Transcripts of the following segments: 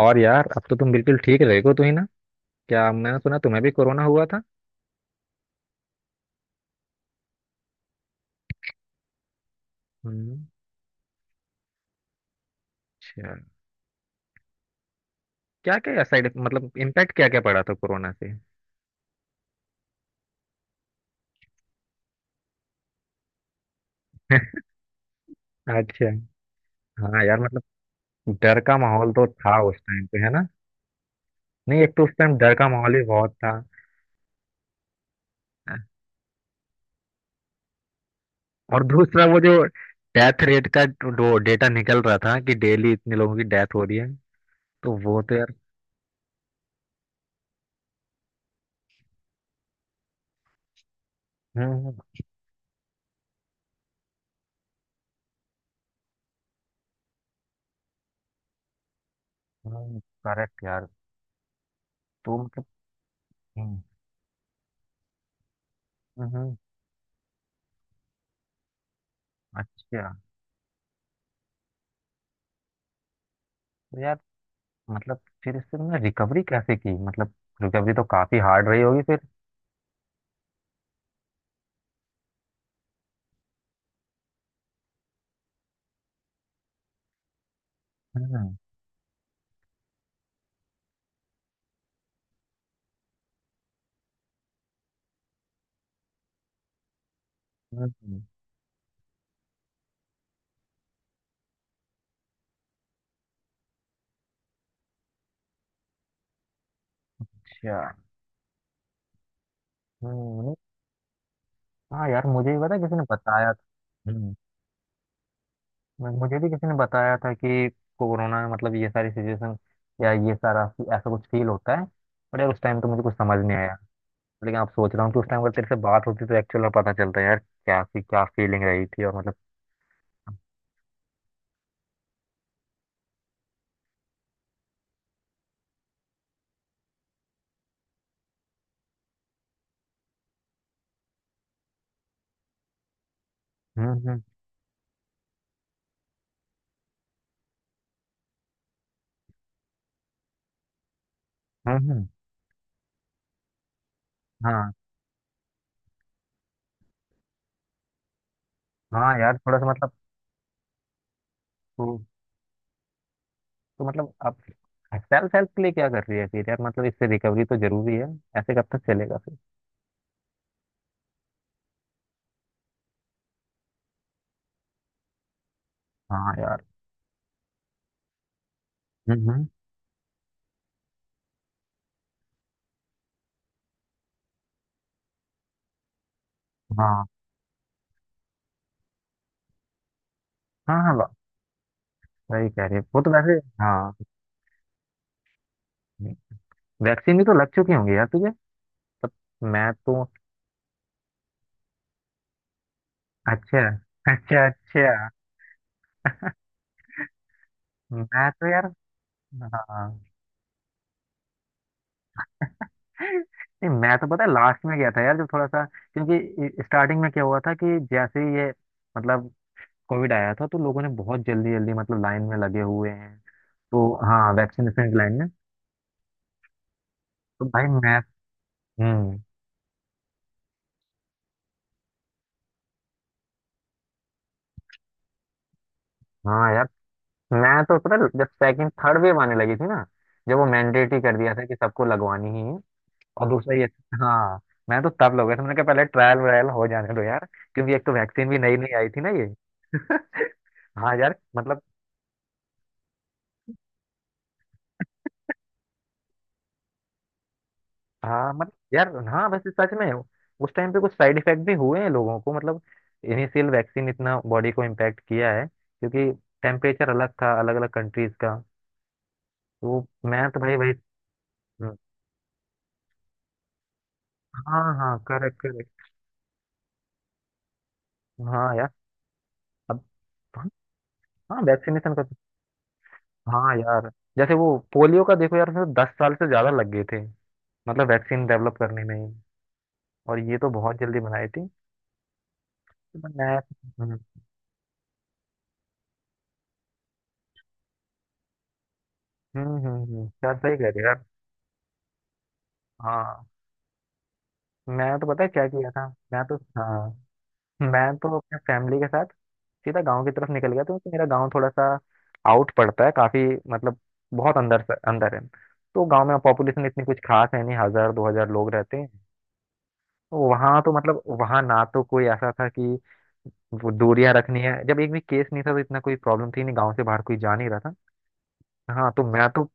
और यार, अब तो तुम बिल्कुल ठीक रहे हो तो ही ना। क्या, मैंने सुना तुम्हें भी कोरोना हुआ था? हम्म। अच्छा। क्या क्या साइड, मतलब इम्पैक्ट क्या क्या पड़ा था कोरोना से? अच्छा। हाँ यार, मतलब डर का माहौल तो था उस टाइम पे, है ना। नहीं, एक तो उस टाइम डर का माहौल भी बहुत था। और दूसरा वो जो डेथ रेट का जो डेटा निकल रहा था कि डेली इतने लोगों की डेथ हो रही है, तो वो तो यार। हम्म। करेक्ट यार। तो मतलब हम्म, हम्म। अच्छा। तो यार, मतलब फिर इससे तुमने रिकवरी कैसे की? मतलब रिकवरी तो काफी हार्ड रही होगी फिर। हम्म, हम्म। अच्छा। हम्म, नहीं, हाँ यार मुझे भी पता है, किसी ने बताया था। हम्म। मुझे भी किसी ने बताया था कि कोरोना में मतलब ये सारी सिचुएशन, या ये सारा ऐसा कुछ फील होता है। पर यार, उस टाइम तो मुझे कुछ समझ नहीं आया। लेकिन अब सोच रहा हूँ कि उस टाइम अगर तेरे से बात होती तो एक्चुअल में पता चलता यार क्या सी क्या फीलिंग रही थी, और मतलब। हम्म, हम्म, हम्म, हम्म। हाँ। हाँ यार, थोड़ा सा मतलब। तो मतलब आप सेल्फ हेल्प के लिए क्या कर रही है फिर यार? मतलब इससे रिकवरी तो जरूरी है। ऐसे कब तक चलेगा फिर? हाँ यार। हम्म, हम्म। हाँ, हाँ, हाँ, सही कह रही है, वो तो वैसे। हाँ। वैक्सीन भी तो लग चुकी होंगी यार तुझे? मैं तो, अच्छा, अच्छा, अच्छा। मैं तो यार, हाँ। नहीं, मैं तो पता है लास्ट में गया था यार, जब थोड़ा सा। क्योंकि स्टार्टिंग में क्या हुआ था कि जैसे ही ये मतलब कोविड आया था तो लोगों ने बहुत जल्दी जल्दी मतलब लाइन में लगे हुए हैं। तो हाँ, वैक्सीनेशन की लाइन में। तो भाई मैथ। हम्म। हाँ यार। मैं तो पता है, जब सेकंड थर्ड वेव आने लगी थी ना, जब वो मैंडेटरी कर दिया था कि सबको लगवानी ही है। और हाँ, दूसरा ये। हाँ, मैं तो तब लगा था। मैंने कहा पहले ट्रायल व्रायल हो जाने दो यार। क्योंकि एक तो वैक्सीन भी नई नई आई थी ना, ये। हाँ यार, मतलब। हाँ मतलब यार, हाँ वैसे सच में उस टाइम पे कुछ साइड इफेक्ट भी हुए हैं लोगों को, मतलब इनिशियल वैक्सीन इतना बॉडी को इम्पैक्ट किया है, क्योंकि टेम्परेचर अलग था, अलग अलग कंट्रीज का। तो मैं तो, भाई भाई। हाँ, हाँ, करेक्ट। हाँ यार, अब। हाँ वैक्सीनेशन का तो, हाँ यार। जैसे वो पोलियो का देखो यार, उसमें तो 10 साल से ज्यादा लग गए थे, मतलब वैक्सीन डेवलप करने में ही। और ये तो बहुत जल्दी बनाई थी। तो मैं तो, हम्म, हम्म, हम्म, हम्म। यार सही कह रहे हो यार। हाँ, मैं तो पता है क्या किया था। मैं तो, हाँ, मैं तो अपने फैमिली के साथ सीधा गांव की तरफ निकल गया था, क्योंकि मेरा गांव थोड़ा सा आउट पड़ता है काफी, मतलब बहुत अंदर है। तो गांव में पॉपुलेशन इतनी कुछ खास है नहीं, 1,000-2,000 लोग रहते हैं। वहां तो मतलब वहां ना, तो कोई ऐसा था कि वो दूरियां रखनी है। जब एक भी केस नहीं था तो इतना कोई प्रॉब्लम थी नहीं, गांव से बाहर कोई जा नहीं रहा था। हाँ, तो मैं तो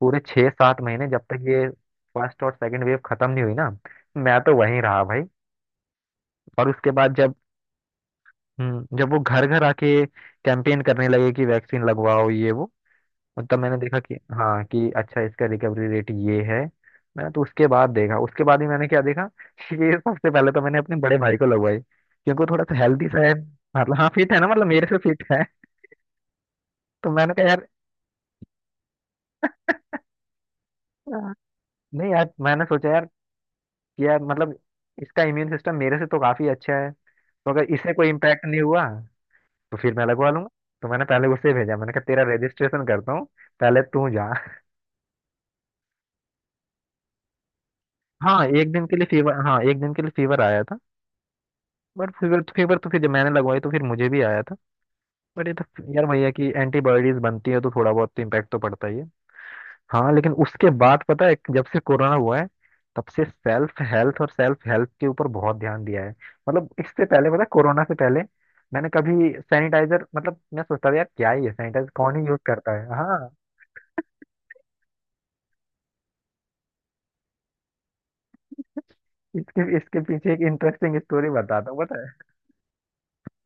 पूरे 6-7 महीने, जब तक ये फर्स्ट और सेकंड वेव खत्म नहीं हुई ना, मैं तो वहीं रहा भाई। और उसके बाद जब, जब वो घर घर आके कैंपेन करने लगे कि वैक्सीन लगवाओ ये वो, मतलब मैंने देखा कि हाँ, कि अच्छा इसका रिकवरी रेट ये है। मैंने तो उसके बाद देखा, उसके बाद ही मैंने क्या देखा, ये सबसे पहले तो मैंने अपने बड़े भाई को लगवाई, क्योंकि वो थोड़ा सा हेल्दी सा है, मतलब हाँ फिट है ना, मतलब मेरे से फिट है। तो मैंने कहा यार, हाँ। नहीं यार, मैंने सोचा यार, कि यार मतलब इसका इम्यून सिस्टम मेरे से तो काफी अच्छा है, तो अगर इसे कोई इम्पैक्ट नहीं हुआ तो फिर मैं लगवा लूंगा। तो मैंने पहले उसे भेजा, मैंने कहा तेरा रजिस्ट्रेशन करता हूँ, पहले तू जा। हाँ एक दिन के लिए फीवर, हाँ एक दिन के लिए फीवर आया था। बट फीवर तो फीवर, तो फिर जब मैंने लगवाई तो फिर मुझे भी आया था। बट ये तो यार भैया कि एंटीबॉडीज बनती है तो थोड़ा बहुत तो इम्पैक्ट तो पड़ता ही है। हाँ, लेकिन उसके बाद पता है, जब से कोरोना हुआ है तब से सेल्फ हेल्थ और सेल्फ हेल्प के ऊपर बहुत ध्यान दिया है। मतलब इससे पहले पता है, कोरोना से पहले मैंने कभी सैनिटाइजर, मतलब मैं सोचता था यार क्या ही है सैनिटाइजर, कौन ही यूज करता है। हाँ। इसके इसके पीछे एक इंटरेस्टिंग स्टोरी बताता हूँ, पता है।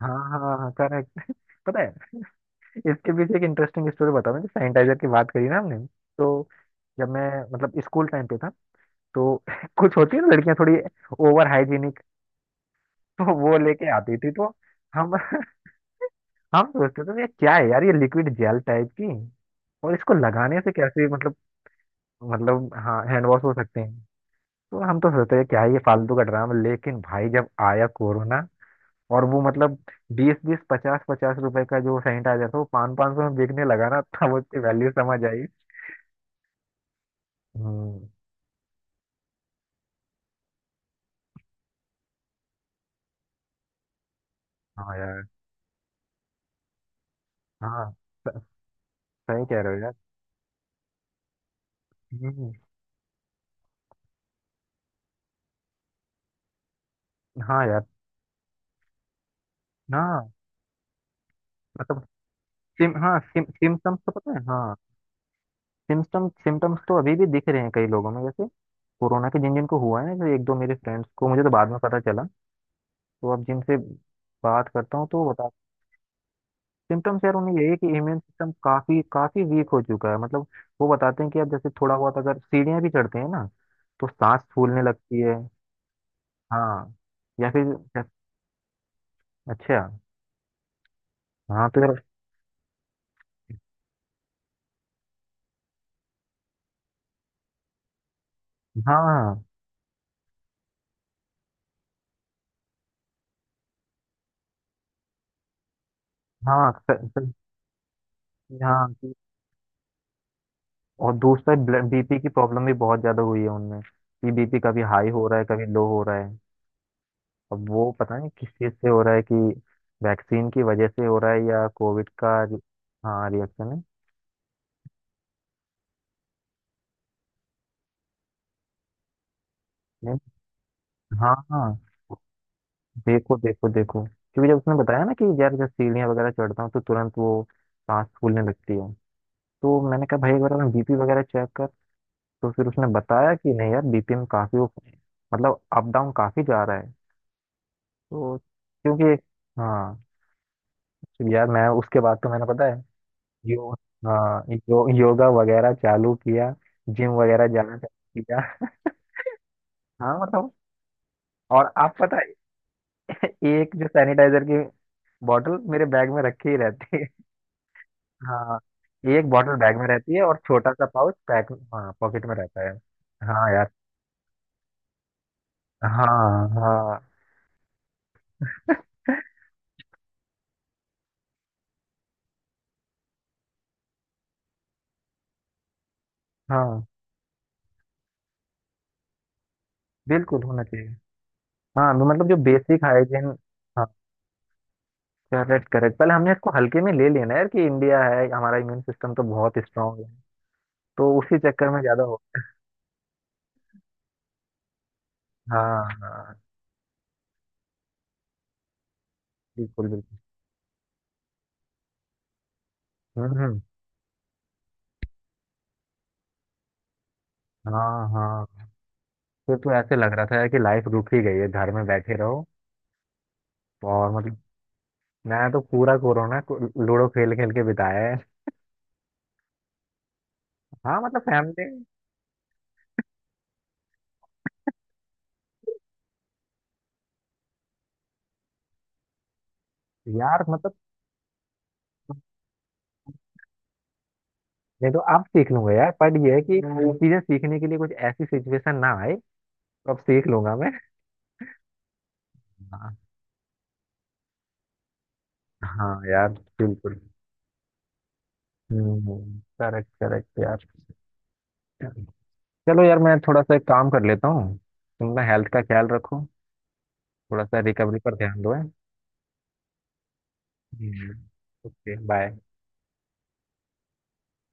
हाँ, हाँ, हाँ, करेक्ट। पता है, इसके पीछे एक इंटरेस्टिंग स्टोरी, बता, मुझे सैनिटाइजर की बात करी ना हमने। तो जब मैं मतलब स्कूल टाइम पे था, तो कुछ होती है ना लड़कियां थोड़ी ओवर हाइजीनिक, तो वो लेके आती थी, तो हम हम सोचते थे ये क्या है यार, ये लिक्विड जेल टाइप की, और इसको लगाने से कैसे मतलब हाँ हैंड वॉश हो सकते हैं, तो हम तो सोचते हैं क्या है ये फालतू का ड्रामा। लेकिन भाई जब आया कोरोना, और वो मतलब बीस बीस पचास पचास रुपए का जो सैनिटाइजर था, वो पाँच पाँच सौ में बिकने लगा ना, तब उसकी वैल्यू समझ आई। हम्म, हाँ यार, हाँ, स- सही कह रहे हो यार। हम्म, हाँ यार, हाँ मतलब सिम हाँ, सिम्टम्स तो पता है, हाँ। सिम्टम्स तो अभी भी दिख रहे हैं कई लोगों में, जैसे कोरोना के जिन जिन को हुआ है ना, जैसे एक दो मेरे फ्रेंड्स को, मुझे तो बाद में पता चला। तो अब जिनसे बात करता हूँ तो वो बता, सिम्टम्स यार उन्हें यही है कि इम्यून सिस्टम काफी काफी वीक हो चुका है, मतलब। वो बताते हैं कि अब जैसे थोड़ा बहुत अगर सीढ़ियाँ भी चढ़ते हैं ना, तो सांस फूलने लगती है। हाँ, या फिर, अच्छा हाँ, तो यार, हाँ, हाँ, हाँ, और दूसरा बीपी की प्रॉब्लम भी बहुत ज्यादा हुई है उनमें, कि बीपी कभी हाई हो रहा है कभी लो हो रहा है। अब वो पता नहीं किस चीज से हो रहा है, कि वैक्सीन की वजह से हो रहा है या कोविड का हाँ रिएक्शन है। नहीं, हाँ, हाँ, देखो, देखो, देखो, क्योंकि जब उसने बताया ना कि यार जब सीढ़ियाँ वगैरह चढ़ता हूँ तो तुरंत वो सांस फूलने लगती है, तो मैंने कहा भाई एक बार अपना बीपी वगैरह चेक कर। तो फिर उसने बताया कि नहीं यार, बीपी में काफी मतलब अप डाउन काफी जा रहा है। तो क्योंकि, हाँ, तो यार मैं उसके बाद तो मैंने पता है यो हाँ, योगा वगैरह चालू किया, जिम वगैरह जाना चालू किया। हाँ मतलब, और आप पता है, एक जो सैनिटाइजर की बॉटल मेरे बैग में रखी ही रहती है। हाँ, एक बॉटल बैग में रहती है, और छोटा सा पाउच पैक हाँ पॉकेट में रहता है। हाँ यार, हाँ, हाँ, हाँ, बिल्कुल होना चाहिए। हाँ मतलब जो बेसिक हाइजीन, करेक्ट, करेक्ट। पहले हमने इसको हल्के में ले लेना है यार, कि इंडिया है, हमारा इम्यून सिस्टम तो बहुत स्ट्रांग है, तो उसी चक्कर में ज्यादा हो। हाँ, हाँ, बिल्कुल, बिल्कुल। हम्म, हाँ, हाँ। फिर तो ऐसे लग रहा था यार कि लाइफ रुक ही गई है, घर में बैठे रहो, और मतलब मैं तो पूरा कोरोना को लूडो खेल खेल के बिताया है। हाँ मतलब फैमिली यार मतलब। नहीं तो अब सीख लूंगा यार, पर ये है कि चीजें सीखने के लिए कुछ ऐसी सिचुएशन ना आए, तो अब सीख लूंगा मैं। हाँ, हाँ यार, बिल्कुल। हम्म, करेक्ट, करेक्ट यार। चलो यार, मैं थोड़ा सा एक काम कर लेता हूँ, तुम ना हेल्थ का ख्याल रखो। थोड़ा सा रिकवरी पर ध्यान दो, है। Okay bye.